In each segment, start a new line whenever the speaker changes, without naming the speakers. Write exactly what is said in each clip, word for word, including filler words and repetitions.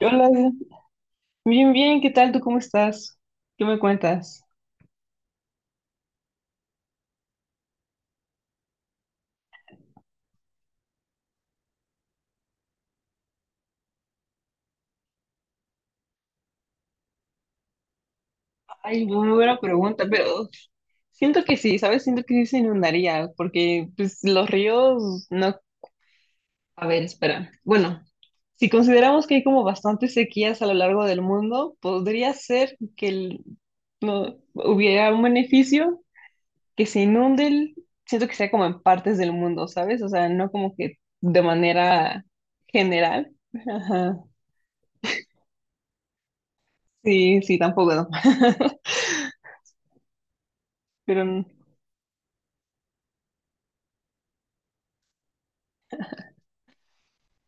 Hola, bien, bien, ¿qué tal? ¿Tú cómo estás? ¿Qué me cuentas? Ay, no, muy buena pregunta, pero siento que sí, ¿sabes? Siento que sí se inundaría, porque pues los ríos no... A ver, espera. Bueno, si consideramos que hay como bastantes sequías a lo largo del mundo, podría ser que el- no, hubiera un beneficio que se inunde, el- siento que sea como en partes del mundo, ¿sabes? O sea, no como que de manera general. Ajá. Sí, sí, tampoco, ¿no? Pero n-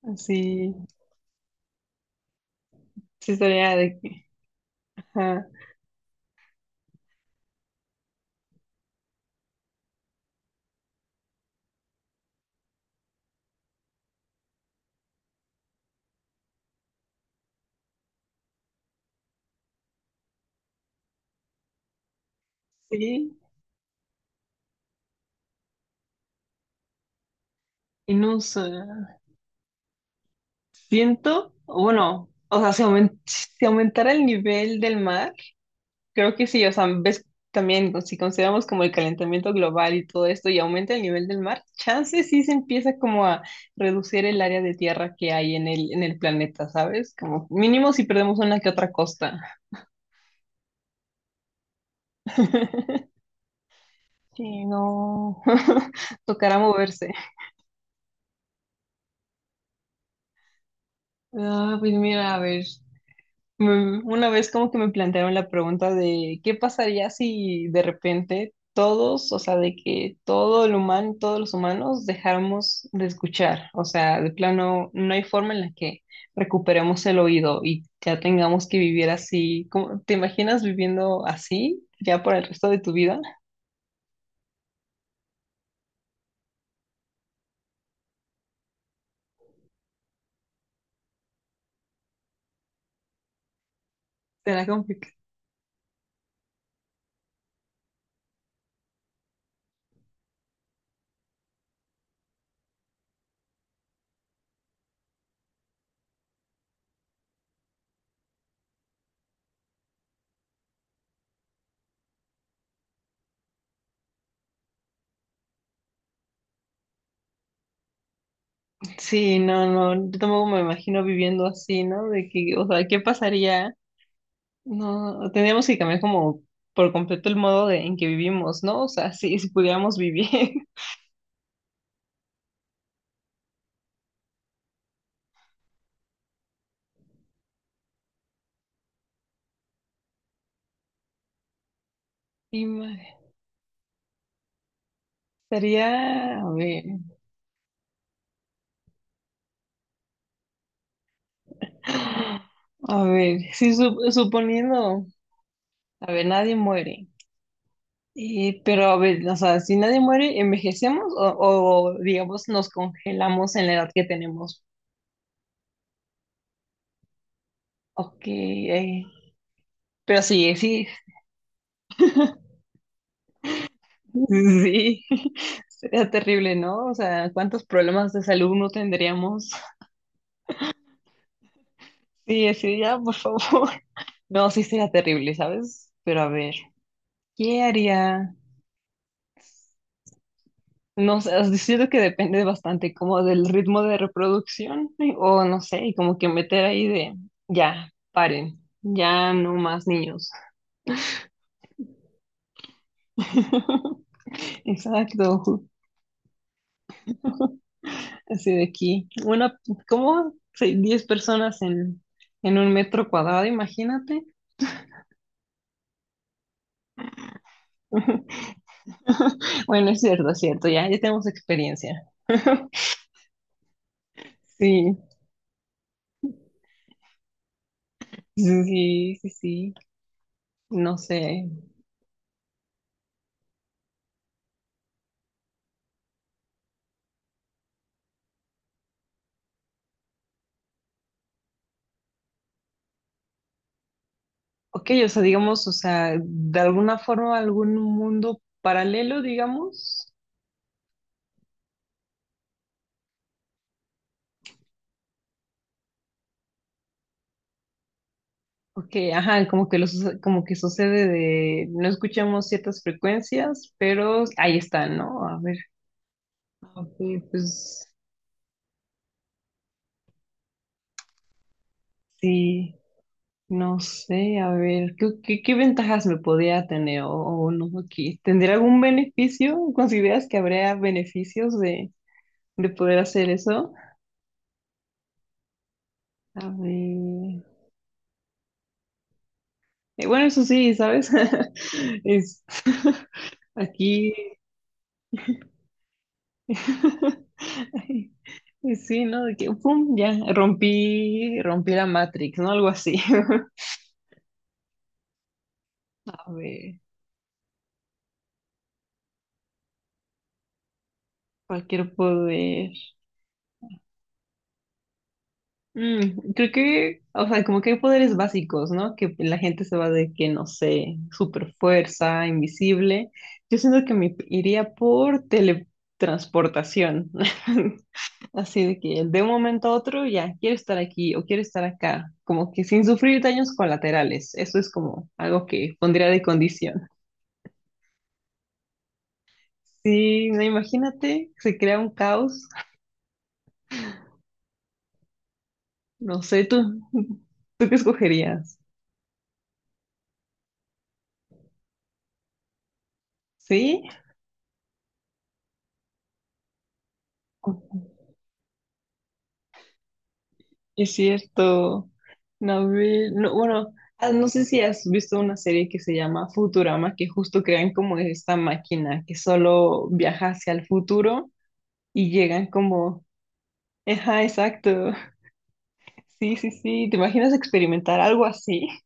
así, sí estaría de que, ajá, sí, y no uso, siento, o bueno, o sea, si, aumen- si aumentara el nivel del mar, creo que sí, o sea, ves también, pues, si consideramos como el calentamiento global y todo esto, y aumenta el nivel del mar, chance sí se empieza como a reducir el área de tierra que hay en el, en el planeta, ¿sabes? Como mínimo si perdemos una que otra costa. Sí, no, tocará moverse. Ah, pues mira, a ver. Mm, Una vez como que me plantearon la pregunta de qué pasaría si de repente todos, o sea, de que todo el humano, todos los humanos dejáramos de escuchar, o sea, de plano no hay forma en la que recuperemos el oído y ya tengamos que vivir así. ¿Cómo- te imaginas viviendo así ya por el resto de tu vida? Será complicado. Sí, no, no, yo tampoco me imagino viviendo así, ¿no? De que, o sea, ¿qué pasaría? No, tendríamos que cambiar como por completo el modo de, en que vivimos, ¿no? O sea, sí, si pudiéramos vivir. Ima- Estaría, a ver, a ver, sí, su- suponiendo, a ver, nadie muere. Eh, pero a ver, o sea, si nadie muere, ¿envejecemos o, o, digamos nos congelamos en la edad que tenemos? Ok, eh, pero sí, sí, sí, sería terrible, ¿no? O sea, ¿cuántos problemas de salud no tendríamos? Sí, así, ya, por favor. No, sí sería terrible, ¿sabes? Pero a ver, ¿qué haría? No sé, os siento que depende bastante como del ritmo de reproducción y- o no sé, y como que meter ahí de, ya, paren, ya no más niños. Exacto, así de aquí. Una, ¿cómo? Sí, diez personas en, en un metro cuadrado, imagínate. Bueno, es cierto, es cierto, ya, ya tenemos experiencia. Sí, sí, sí, sí, no sé. Ok, o sea, digamos, o sea, de alguna forma algún mundo paralelo, digamos. Ok, ajá, como que los, como que sucede de no escuchamos ciertas frecuencias, pero ahí está, ¿no? A ver, ok, pues sí, no sé, a ver, ¿qué, qué, qué ventajas me podría tener o, o no aquí? ¿Tendría algún beneficio? ¿Consideras que habría beneficios de, de poder hacer eso? A ver. Eh, bueno, eso sí, ¿sabes? Es, aquí, ay, pues sí, ¿no? De que, pum, ya, rompí, rompí la Matrix, ¿no? Algo así. A ver, cualquier poder. Mm, creo que, o sea, como que hay poderes básicos, ¿no? Que la gente se va de que, no sé, super fuerza, invisible. Yo siento que me iría por teletransportación. Así de que de un momento a otro ya quiero estar aquí o quiero estar acá. Como que sin sufrir daños colaterales. Eso es como algo que pondría de condición. Sí, no, imagínate, se crea un caos. No sé, tú, ¿tú qué escogerías? ¿Sí? Es cierto. No, ve- no, bueno, ah, no sé si has visto una serie que se llama Futurama, que justo crean como esta máquina que solo viaja hacia el futuro y llegan como, ajá, exacto. Sí, sí, sí. ¿Te imaginas experimentar algo así?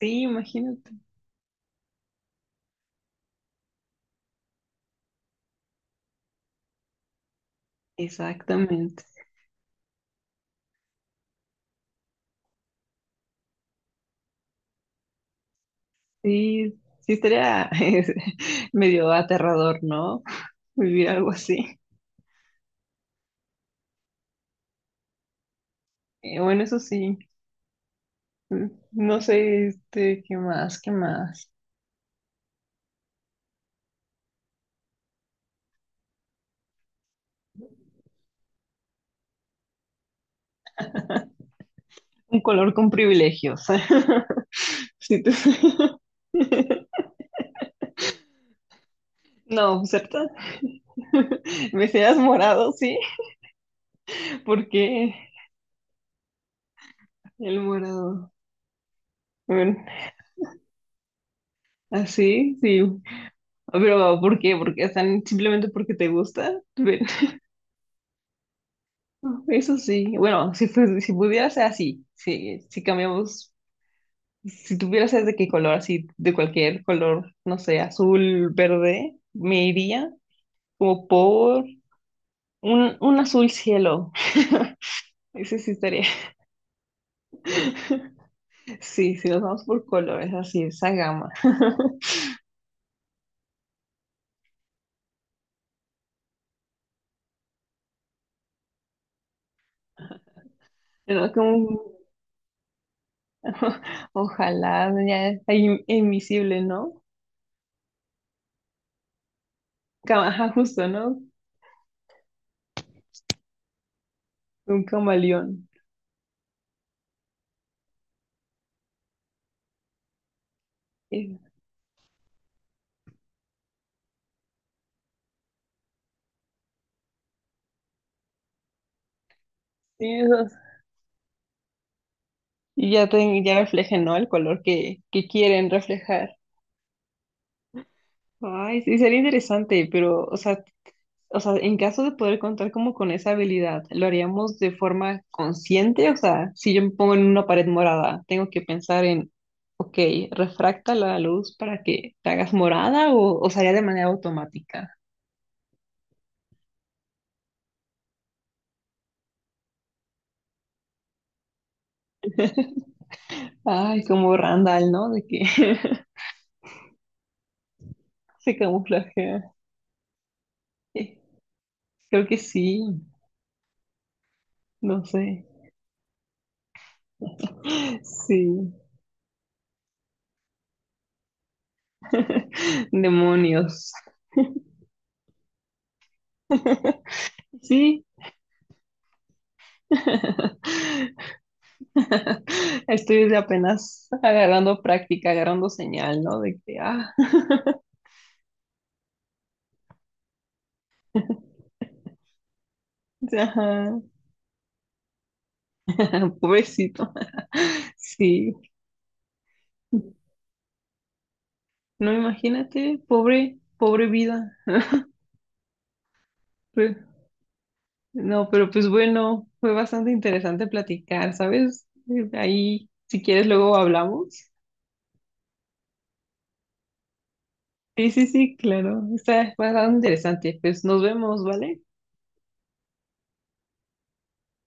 Sí, imagínate. Exactamente. Sí, sí estaría es, medio aterrador, ¿no? Vivir algo así. Eh, bueno, eso sí. Mm, No sé, este, ¿qué más? ¿Qué más? Un color con privilegios. Si tú- no, pues, ¿cierto? Me seas morado, sí, porque el morado? Bueno, así, sí. Pero ¿por qué? Porque están simplemente porque te gusta. Ven, eso sí. Bueno, si, fue- si pudiera ser así, sí, si cambiamos, si tuviera ser de qué color, así, de cualquier color, no sé, azul, verde, me iría como por un, un azul cielo. Ese sí estaría. Sí, si nos vamos por colores, así, esa gama. Pero como, un- ojalá ya es in- invisible, ¿no? Cam- ajá, justo, ¿no? Un camaleón. Eh, Sí, esos- y ya, te, ya reflejen, ¿no? El color que, que quieren reflejar. Ay, sí, sería interesante, pero, o sea, o sea, en caso de poder contar como con esa habilidad, ¿lo haríamos de forma consciente? O sea, si yo me pongo en una pared morada, tengo que pensar en, ok, refracta la luz para que te hagas morada o, o sería de manera automática. Ay, como Randall, ¿no? De que se camuflajea. Eh, Creo que sí, no sé. Sí. Demonios. Sí. Estoy de apenas agarrando práctica, agarrando señal, ¿no? De que, ah, ajá, pobrecito. Sí, no imagínate, pobre, pobre vida. Pe- no, pero pues bueno, fue bastante interesante platicar, ¿sabes? Eh, Ahí, si quieres, luego hablamos. Sí, sí, sí, claro, está bastante interesante. Pues nos vemos, ¿vale?